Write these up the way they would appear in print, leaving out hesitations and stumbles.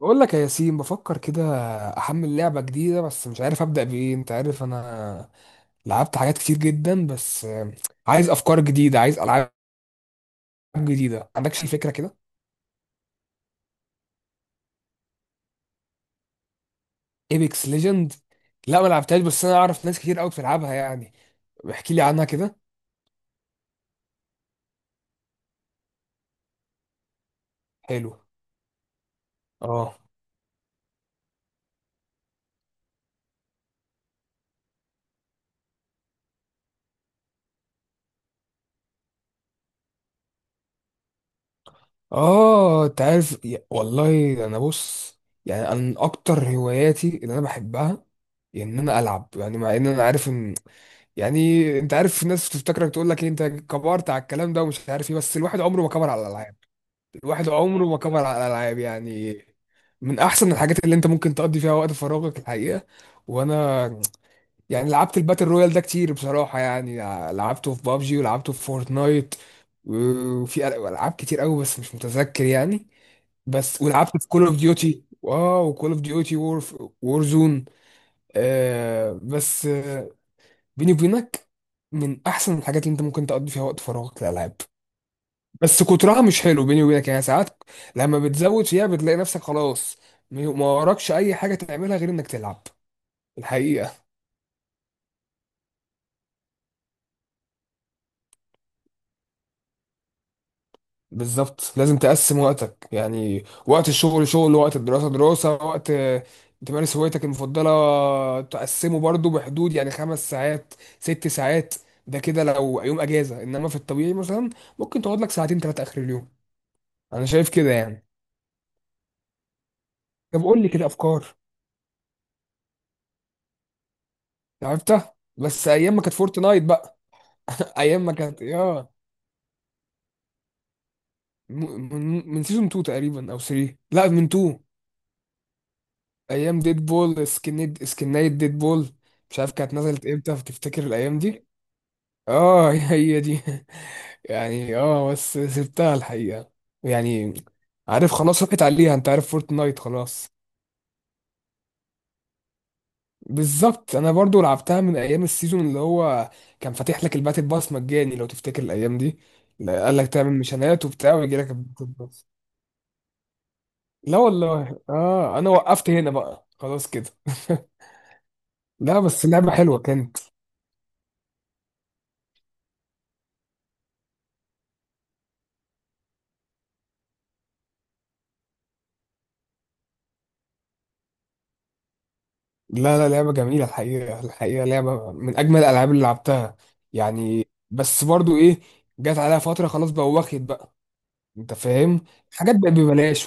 بقول لك يا ياسين، بفكر كده احمل لعبة جديدة، بس مش عارف ابدأ بايه. انت عارف انا لعبت حاجات كتير جدا، بس عايز افكار جديدة، عايز العاب جديدة. ما عندكش أي فكرة كده؟ ايبكس ليجند؟ لا، ما لعبتهاش، بس انا اعرف ناس كتير قوي بتلعبها يعني. احكي لي عنها كده. حلو. اه. اه، والله انا بص، يعني انا من اكتر هواياتي اللي انا بحبها ان انا العب. يعني مع ان انا عارف ان، يعني انت عارف، في ناس تفتكرك تقول لك ايه، انت كبرت على الكلام ده ومش عارف ايه، بس الواحد عمره ما كبر على الالعاب. الواحد عمره ما كبر على الالعاب يعني. من احسن الحاجات اللي انت ممكن تقضي فيها وقت فراغك، الحقيقه. وانا يعني لعبت الباتل رويال ده كتير، بصراحه يعني. لعبته في بابجي ولعبته في فورتنايت، وفي العاب كتير قوي بس مش متذكر يعني. بس ولعبت في كول اوف ديوتي، واو، كول اوف ديوتي وور، وور زون. بس، بيني وبينك، من احسن الحاجات اللي انت ممكن تقضي فيها وقت فراغك الالعاب. بس كترها مش حلو، بيني وبينك يعني. ساعات لما بتزود فيها بتلاقي نفسك خلاص، ما وراكش اي حاجه تعملها غير انك تلعب، الحقيقه. بالظبط، لازم تقسم وقتك، يعني وقت الشغل شغل، وقت الدراسه دراسه، وقت تمارس هوايتك المفضله تقسمه برضو بحدود يعني 5 ساعات، 6 ساعات. ده كده لو يوم اجازه، انما في الطبيعي مثلا ممكن تقعد لك 2 ساعتين ثلاثه اخر اليوم. انا شايف كده يعني. طب قول لي كده افكار. عرفتها، بس ايام ما كانت فورتنايت بقى. ايام ما كانت يا من سيزون 2 تقريبا او 3، لا من 2. ايام ديد بول سكنيد سكنايت ديد بول. مش عارف كانت نزلت امتى، تفتكر الايام دي؟ اه هي دي يعني. اه، بس سبتها الحقيقة يعني. عارف، خلاص، راحت عليها. انت عارف، فورتنايت خلاص. بالظبط، انا برضو لعبتها من ايام السيزون اللي هو كان فاتح لك الباتل باس مجاني، لو تفتكر الايام دي. لا، قال لك تعمل ميشنات وبتاع ويجي لك الباتل باس. لا والله، اه، انا وقفت هنا بقى خلاص كده. لا بس لعبة حلوة كانت. لا لا، لعبة جميلة الحقيقة. الحقيقة لعبة من اجمل الالعاب اللي لعبتها. يعني بس برضو ايه، جت عليها فترة خلاص بقى، واخد بقى، انت فاهم. حاجات بقت ببلاش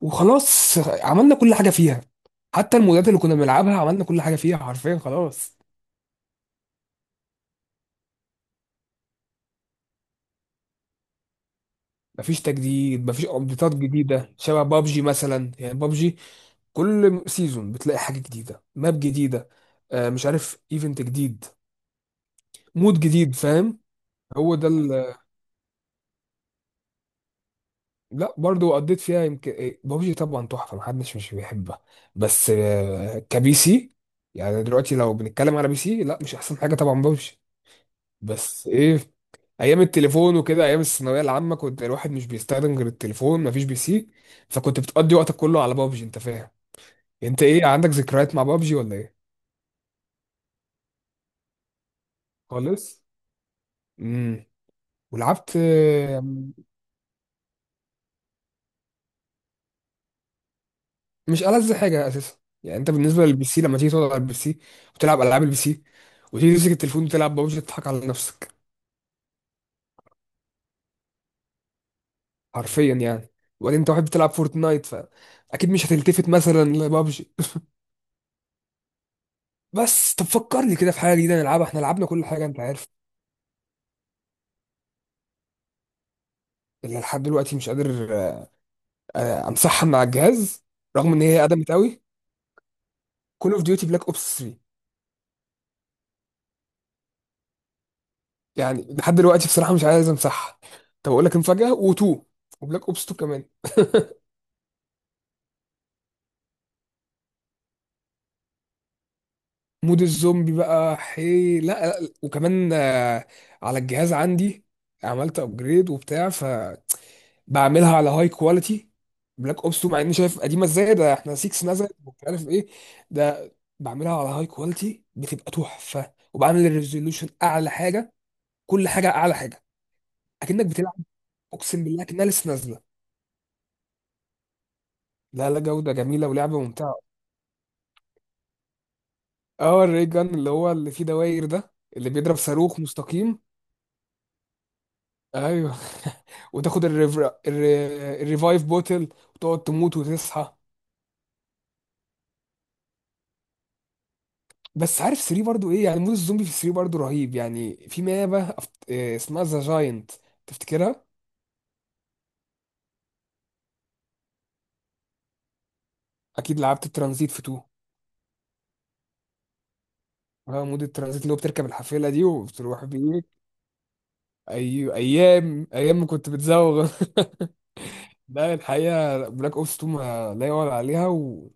وخلاص، عملنا كل حاجه فيها. حتى المودات اللي كنا بنلعبها عملنا كل حاجه فيها حرفيا خلاص. مفيش تجديد، مفيش ابديتات جديده. شبه بابجي مثلا، يعني بابجي كل سيزون بتلاقي حاجه جديده، ماب جديده، مش عارف، ايفنت جديد، مود جديد، فاهم. هو ده ال- لا برضو قضيت فيها يمكن بابجي طبعا تحفه، محدش مش بيحبها. بس كبي سي يعني. دلوقتي لو بنتكلم على بي سي، لا، مش احسن حاجه طبعا، بابجي. بس ايه، ايام التليفون وكده، ايام الثانويه العامه، كنت الواحد مش بيستخدم غير التليفون، مفيش بي سي، فكنت بتقضي وقتك كله على بابجي، انت فاهم. انت ايه، عندك ذكريات مع بابجي ولا ايه؟ خالص. امم. ولعبت مش ألذ حاجه اساسا يعني. انت بالنسبه للبي سي، لما تيجي تقعد على البي سي وتلعب العاب البي سي، وتيجي تمسك التليفون وتلعب بابجي، تضحك على نفسك حرفيا يعني. وبعدين انت واحد بتلعب فورتنايت، فاكيد مش هتلتفت مثلا لبابجي. بس طب فكرني كده في حاجه جديده نلعبها، احنا لعبنا كل حاجه انت عارف. اللي لحد دلوقتي مش قادر امسحها مع الجهاز، رغم ان هي قدمت قوي، كول اوف ديوتي بلاك اوبس 3. يعني لحد دلوقتي بصراحه مش عايز امسحها. طب اقول لك مفاجاه، و2، وبلاك اوبس 2 كمان. مود الزومبي بقى، حي لا لا لا. وكمان على الجهاز عندي عملت ابجريد وبتاع، فبعملها على هاي كواليتي. بلاك اوبس 2، مع اني شايف قديمه ازاي، ده احنا 6 نزل ومش عارف ايه ده. بعملها على هاي كواليتي، بتبقى تحفه، وبعمل الريزولوشن اعلى حاجه، كل حاجه اعلى حاجه، اكنك بتلعب. اقسم بالله اكنها لسه نازله. لا لا، جوده جميله ولعبه ممتعه. اه، الري جان اللي هو اللي فيه دواير ده، اللي بيضرب صاروخ مستقيم. ايوه وتاخد الر... الريفايف بوتل، وتقعد تموت وتصحى. بس عارف 3 برضو ايه يعني، مود الزومبي في 3 برضو رهيب يعني، في إيه اسمها، ذا جاينت، تفتكرها؟ اكيد لعبت الترانزيت في 2. اه مود الترانزيت، اللي هو بتركب الحافلة دي وبتروح بيه. ايوه، ايام ايام ما كنت بتزوغ لا الحقيقة بلاك أوبس 2 ما لا يعلى عليها، وكانت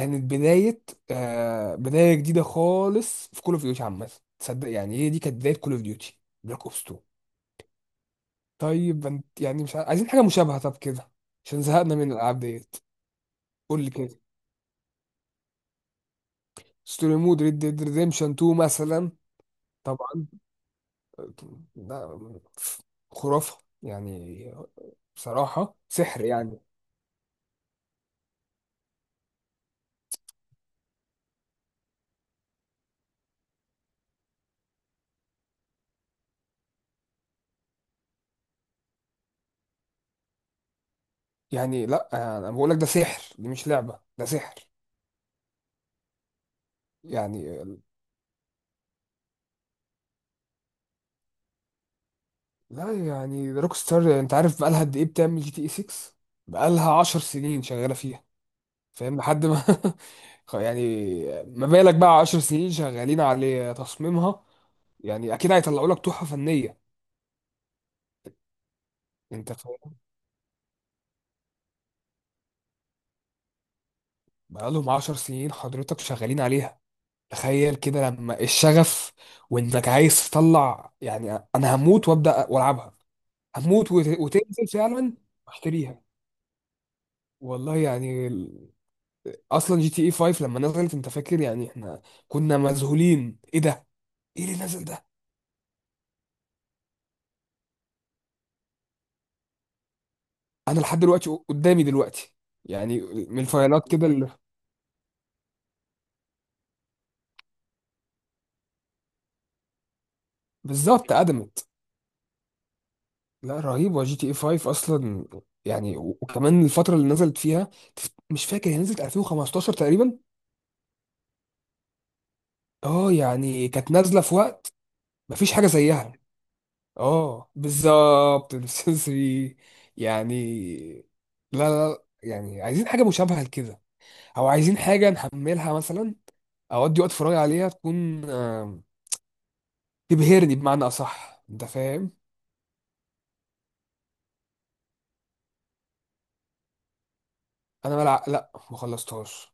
بداية، آه بداية جديدة خالص في كول اوف ديوتي عامة. تصدق يعني، هي دي كانت بداية كول اوف ديوتي، بلاك أوبس 2. طيب انت يعني مش عايزين حاجة مشابهة طب كده، عشان زهقنا من الألعاب ديت. قول لي كده. ستوري مود، ريد ديد ريديمشن 2 مثلا؟ طبعا، ده خرافة يعني. بصراحة سحر يعني. يعني لا، انا بقول لك ده سحر، دي مش لعبة، ده سحر يعني. لا يعني، روك ستار، انت عارف بقالها قد ايه بتعمل جي تي اي 6؟ بقالها 10 سنين شغاله فيها، فاهم، لحد ما يعني ما بالك بقى 10 سنين شغالين على تصميمها، يعني اكيد هيطلعوا لك تحفه فنيه، انت فاهم. بقالهم 10 سنين حضرتك شغالين عليها، تخيل كده لما الشغف وانك عايز تطلع. يعني انا هموت وابدا والعبها. هموت وتنزل فعلا واشتريها. والله يعني، اصلا جي تي اي 5 لما نزلت انت فاكر يعني، احنا كنا مذهولين ايه ده، ايه اللي نزل ده. انا لحد دلوقتي قدامي دلوقتي يعني، من الفايلات كده اللي، بالظبط، قدمت. لا رهيبه جي تي اي 5 اصلا يعني، وكمان الفتره اللي نزلت فيها، مش فاكر، هي نزلت 2015 تقريبا. اه يعني كانت نازله في وقت مفيش حاجه زيها. اه بالظبط، السنسري يعني. لا لا لا، يعني عايزين حاجه مشابهه لكده، او عايزين حاجه نحملها مثلا اودي وقت فراغي عليها، تكون تبهرني، بمعنى اصح، انت فاهم. لا، ما خلصتهاش.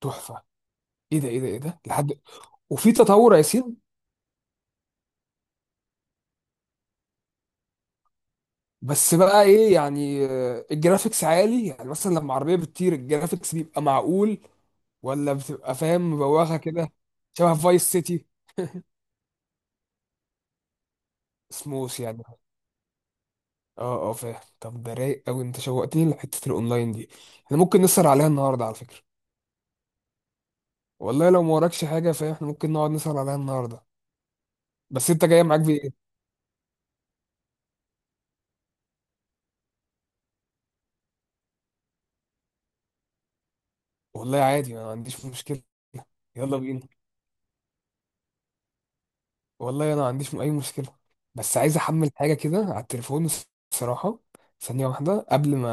تحفه. ايه ده، ايه ده، ايه ده، لحد، وفي تطور يا ياسين. بس بقى ايه يعني، الجرافيكس عالي يعني مثلا لما عربيه بتطير، الجرافيكس بيبقى معقول ولا بتبقى فاهم مبوخه كده؟ شبه فايس سيتي، سموث يعني. اه اه فاهم. طب ده رايق قوي، انت شوقتني لحته الاونلاين دي، احنا ممكن نسهر عليها النهارده على فكره. والله لو ما وراكش حاجه، فاهم، احنا ممكن نقعد نسهر عليها النهارده. بس انت جاي معاك بايه؟ والله عادي، انا ما عنديش مشكلة. يلا بينا. والله انا ما عنديش اي مشكلة، بس عايز احمل حاجة كده على التليفون، الصراحة. 1 ثانية قبل ما،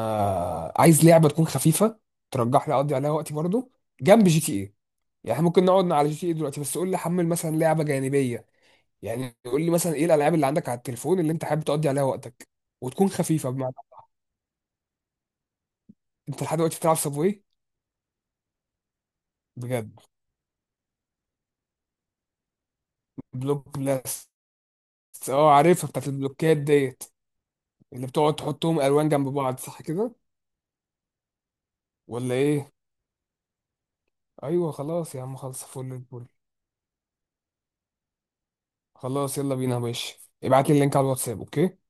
عايز لعبة تكون خفيفة ترجح لي، اقضي عليها وقتي برضو جنب جي تي ايه. يعني إحنا ممكن نقعد على جي تي ايه دلوقتي، بس قول لي حمل مثلا لعبة جانبية. يعني قول لي مثلا، ايه الالعاب اللي عندك على التليفون اللي انت حابب تقضي عليها وقتك، وتكون خفيفة بمعنى. انت لحد دلوقتي بتلعب صابواي؟ بجد؟ بلوك بلاست، اه عارفها، بتاعت البلوكات ديت، اللي بتقعد تحطهم الوان جنب بعض صح كده ولا ايه؟ ايوه خلاص يا عم، خلص، فل الفل. خلاص يلا بينا يا باشا، ابعت لي اللينك على الواتساب، اوكي؟